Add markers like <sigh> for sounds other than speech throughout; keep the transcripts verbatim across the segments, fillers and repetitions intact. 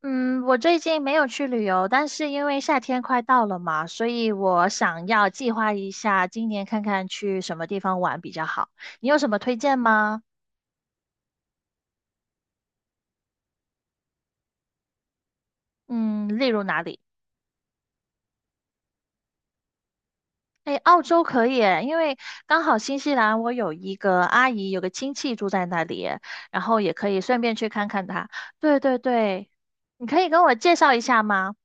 嗯，我最近没有去旅游，但是因为夏天快到了嘛，所以我想要计划一下今年看看去什么地方玩比较好。你有什么推荐吗？嗯，例如哪里？哎，澳洲可以诶，因为刚好新西兰我有一个阿姨，有个亲戚住在那里，然后也可以顺便去看看她。对对对，你可以跟我介绍一下吗？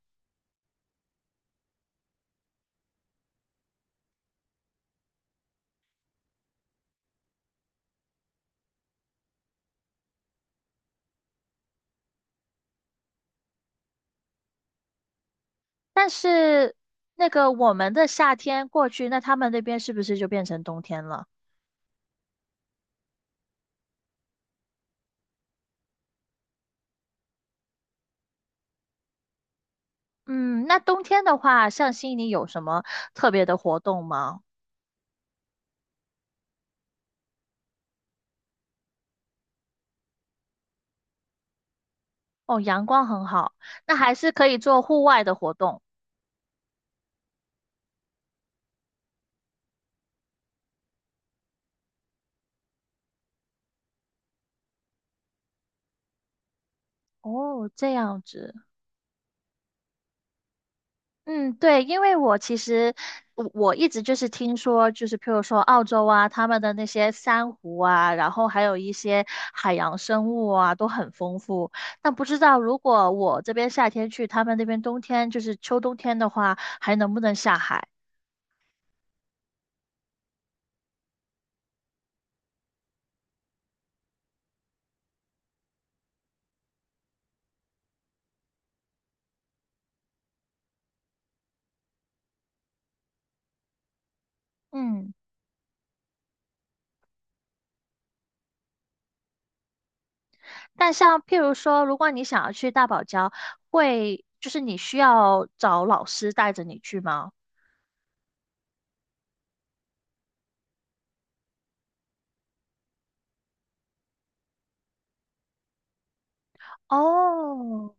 但是那个我们的夏天过去，那他们那边是不是就变成冬天了？嗯，那冬天的话，像悉尼有什么特别的活动吗？哦，阳光很好，那还是可以做户外的活动。哦，这样子。嗯，对，因为我其实我我一直就是听说，就是譬如说澳洲啊，他们的那些珊瑚啊，然后还有一些海洋生物啊，都很丰富。但不知道如果我这边夏天去，他们那边冬天就是秋冬天的话，还能不能下海？嗯。但像譬如说，如果你想要去大堡礁，会就是你需要找老师带着你去吗？哦，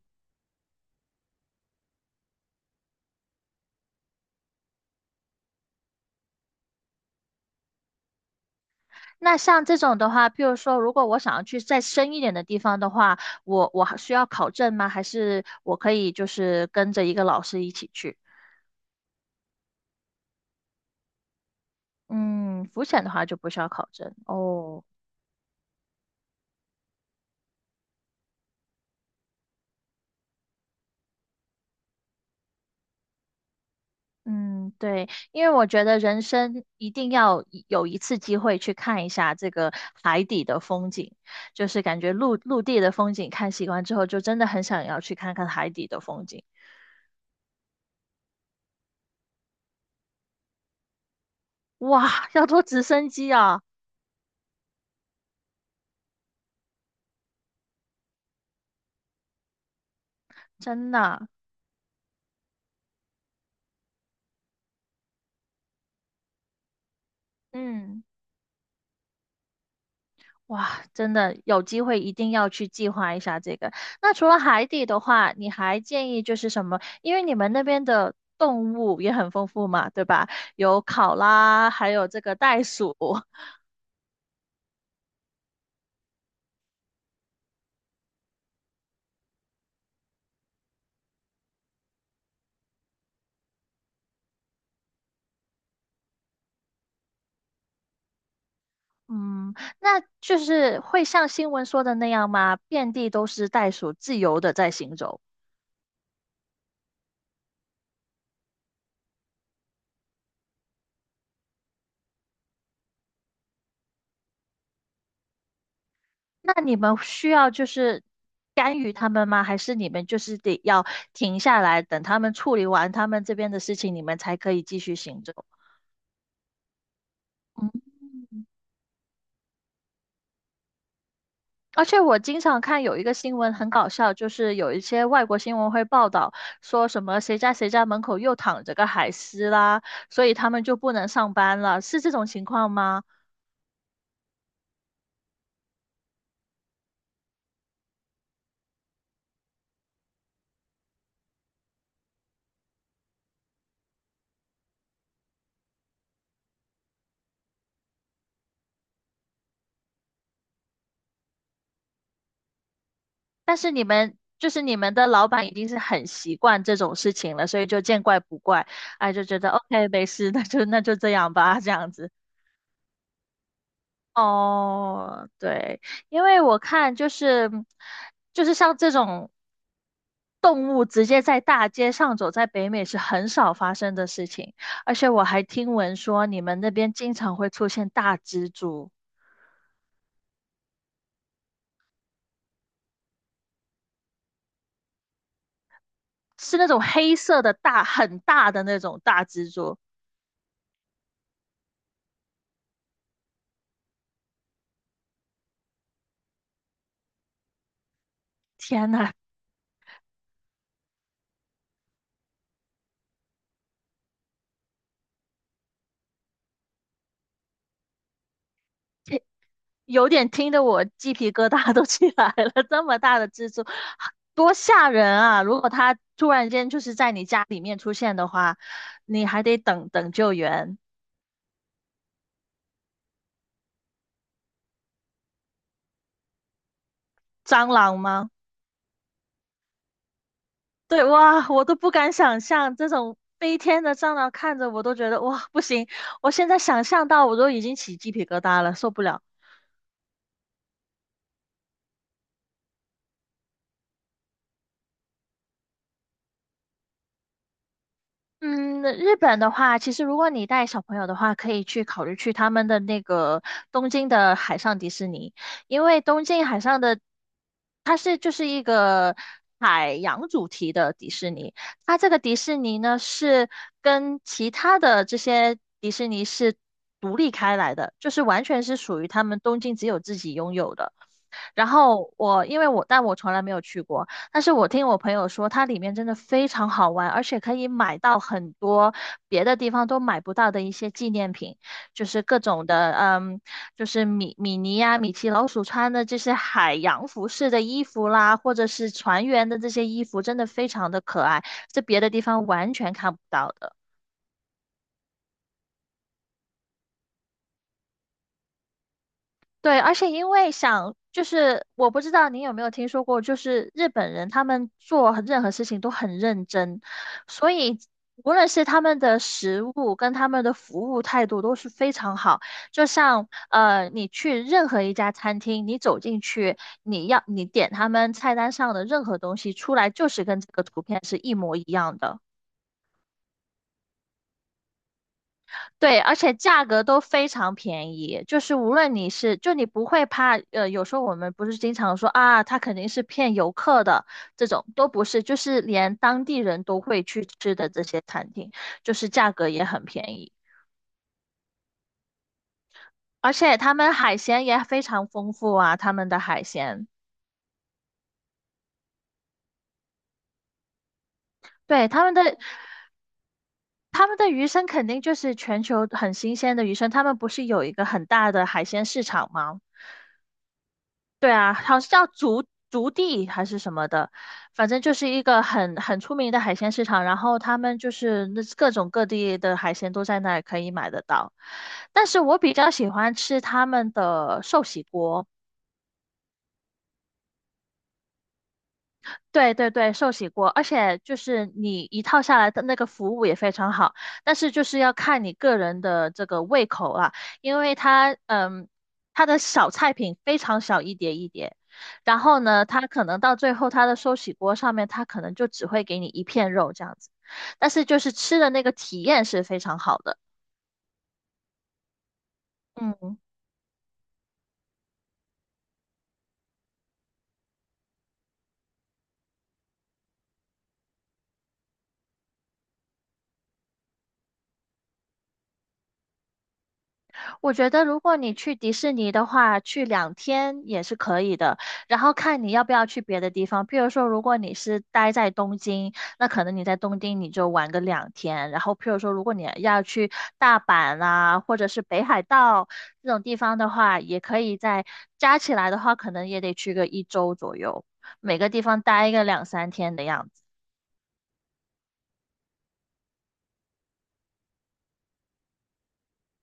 那像这种的话，譬如说，如果我想要去再深一点的地方的话，我我还需要考证吗？还是我可以就是跟着一个老师一起去？嗯，浮潜的话就不需要考证哦。嗯，对，因为我觉得人生一定要一有一次机会去看一下这个海底的风景，就是感觉陆陆地的风景看习惯之后，就真的很想要去看看海底的风景。哇，要坐直升机啊，真的，嗯，哇，真的有机会一定要去计划一下这个。那除了海底的话，你还建议就是什么？因为你们那边的动物也很丰富嘛，对吧？有考拉，还有这个袋鼠。嗯，那就是会像新闻说的那样吗？遍地都是袋鼠，自由的在行走。那你们需要就是干预他们吗？还是你们就是得要停下来，等他们处理完他们这边的事情，你们才可以继续行走？嗯，而且我经常看有一个新闻很搞笑，就是有一些外国新闻会报道说什么谁家谁家门口又躺着个海狮啦，所以他们就不能上班了，是这种情况吗？但是你们就是你们的老板已经是很习惯这种事情了，所以就见怪不怪，哎，就觉得 OK 没事，那就那就这样吧，这样子。哦，对，因为我看就是就是像这种动物直接在大街上走，在北美是很少发生的事情，而且我还听闻说你们那边经常会出现大蜘蛛，是那种黑色的大，很大的那种大蜘蛛。天呐，有点听得我鸡皮疙瘩都 <laughs> 起来了，这么大的蜘蛛，多吓人啊！如果它突然间就是在你家里面出现的话，你还得等等救援。蟑螂吗？对，哇，我都不敢想象这种飞天的蟑螂，看着我都觉得哇，不行！我现在想象到我都已经起鸡皮疙瘩了，受不了。嗯，日本的话，其实如果你带小朋友的话，可以去考虑去他们的那个东京的海上迪士尼，因为东京海上的它是就是一个海洋主题的迪士尼，它这个迪士尼呢是跟其他的这些迪士尼是独立开来的，就是完全是属于他们东京只有自己拥有的。然后我因为我但我从来没有去过，但是我听我朋友说，它里面真的非常好玩，而且可以买到很多别的地方都买不到的一些纪念品，就是各种的，嗯，就是米米妮呀、米奇老鼠穿的这些海洋服饰的衣服啦，或者是船员的这些衣服，真的非常的可爱，是别的地方完全看不到的。对，而且因为想，就是我不知道你有没有听说过，就是日本人他们做任何事情都很认真，所以无论是他们的食物跟他们的服务态度都是非常好。就像呃，你去任何一家餐厅，你走进去，你要你点他们菜单上的任何东西出来，就是跟这个图片是一模一样的。对，而且价格都非常便宜，就是无论你是，就你不会怕，呃，有时候我们不是经常说啊，他肯定是骗游客的，这种都不是，就是连当地人都会去吃的这些餐厅，就是价格也很便宜，而且他们海鲜也非常丰富啊，他们的海鲜，对，他们的他们的鱼生肯定就是全球很新鲜的鱼生，他们不是有一个很大的海鲜市场吗？对啊，好像叫竹竹地还是什么的，反正就是一个很很出名的海鲜市场。然后他们就是那各种各地的海鲜都在那儿可以买得到。但是我比较喜欢吃他们的寿喜锅，对对对，寿喜锅，而且就是你一套下来的那个服务也非常好，但是就是要看你个人的这个胃口啊，因为它嗯，它的小菜品非常小一碟一碟，然后呢，它可能到最后它的寿喜锅上面，它可能就只会给你一片肉这样子，但是就是吃的那个体验是非常好的。嗯。我觉得如果你去迪士尼的话，去两天也是可以的，然后看你要不要去别的地方。譬如说，如果你是待在东京，那可能你在东京你就玩个两天。然后，譬如说，如果你要去大阪啊，或者是北海道这种地方的话，也可以在加起来的话，可能也得去个一周左右，每个地方待个两三天的样子。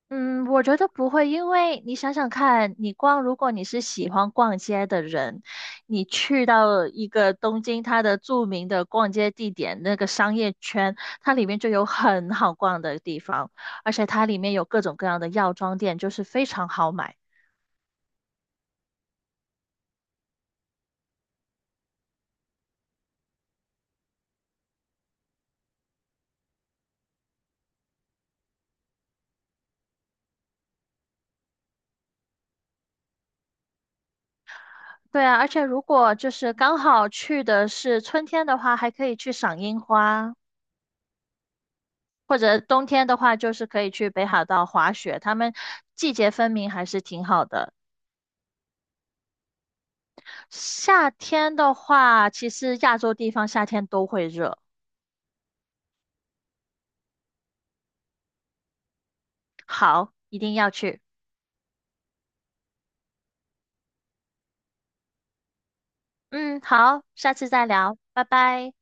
嗯，我觉得不会，因为你想想看，你逛，如果你是喜欢逛街的人，你去到一个东京它的著名的逛街地点，那个商业圈，它里面就有很好逛的地方，而且它里面有各种各样的药妆店，就是非常好买。对啊，而且如果就是刚好去的是春天的话，还可以去赏樱花，或者冬天的话，就是可以去北海道滑雪，他们季节分明，还是挺好的。夏天的话，其实亚洲地方夏天都会热。好，一定要去。嗯，好，下次再聊，拜拜。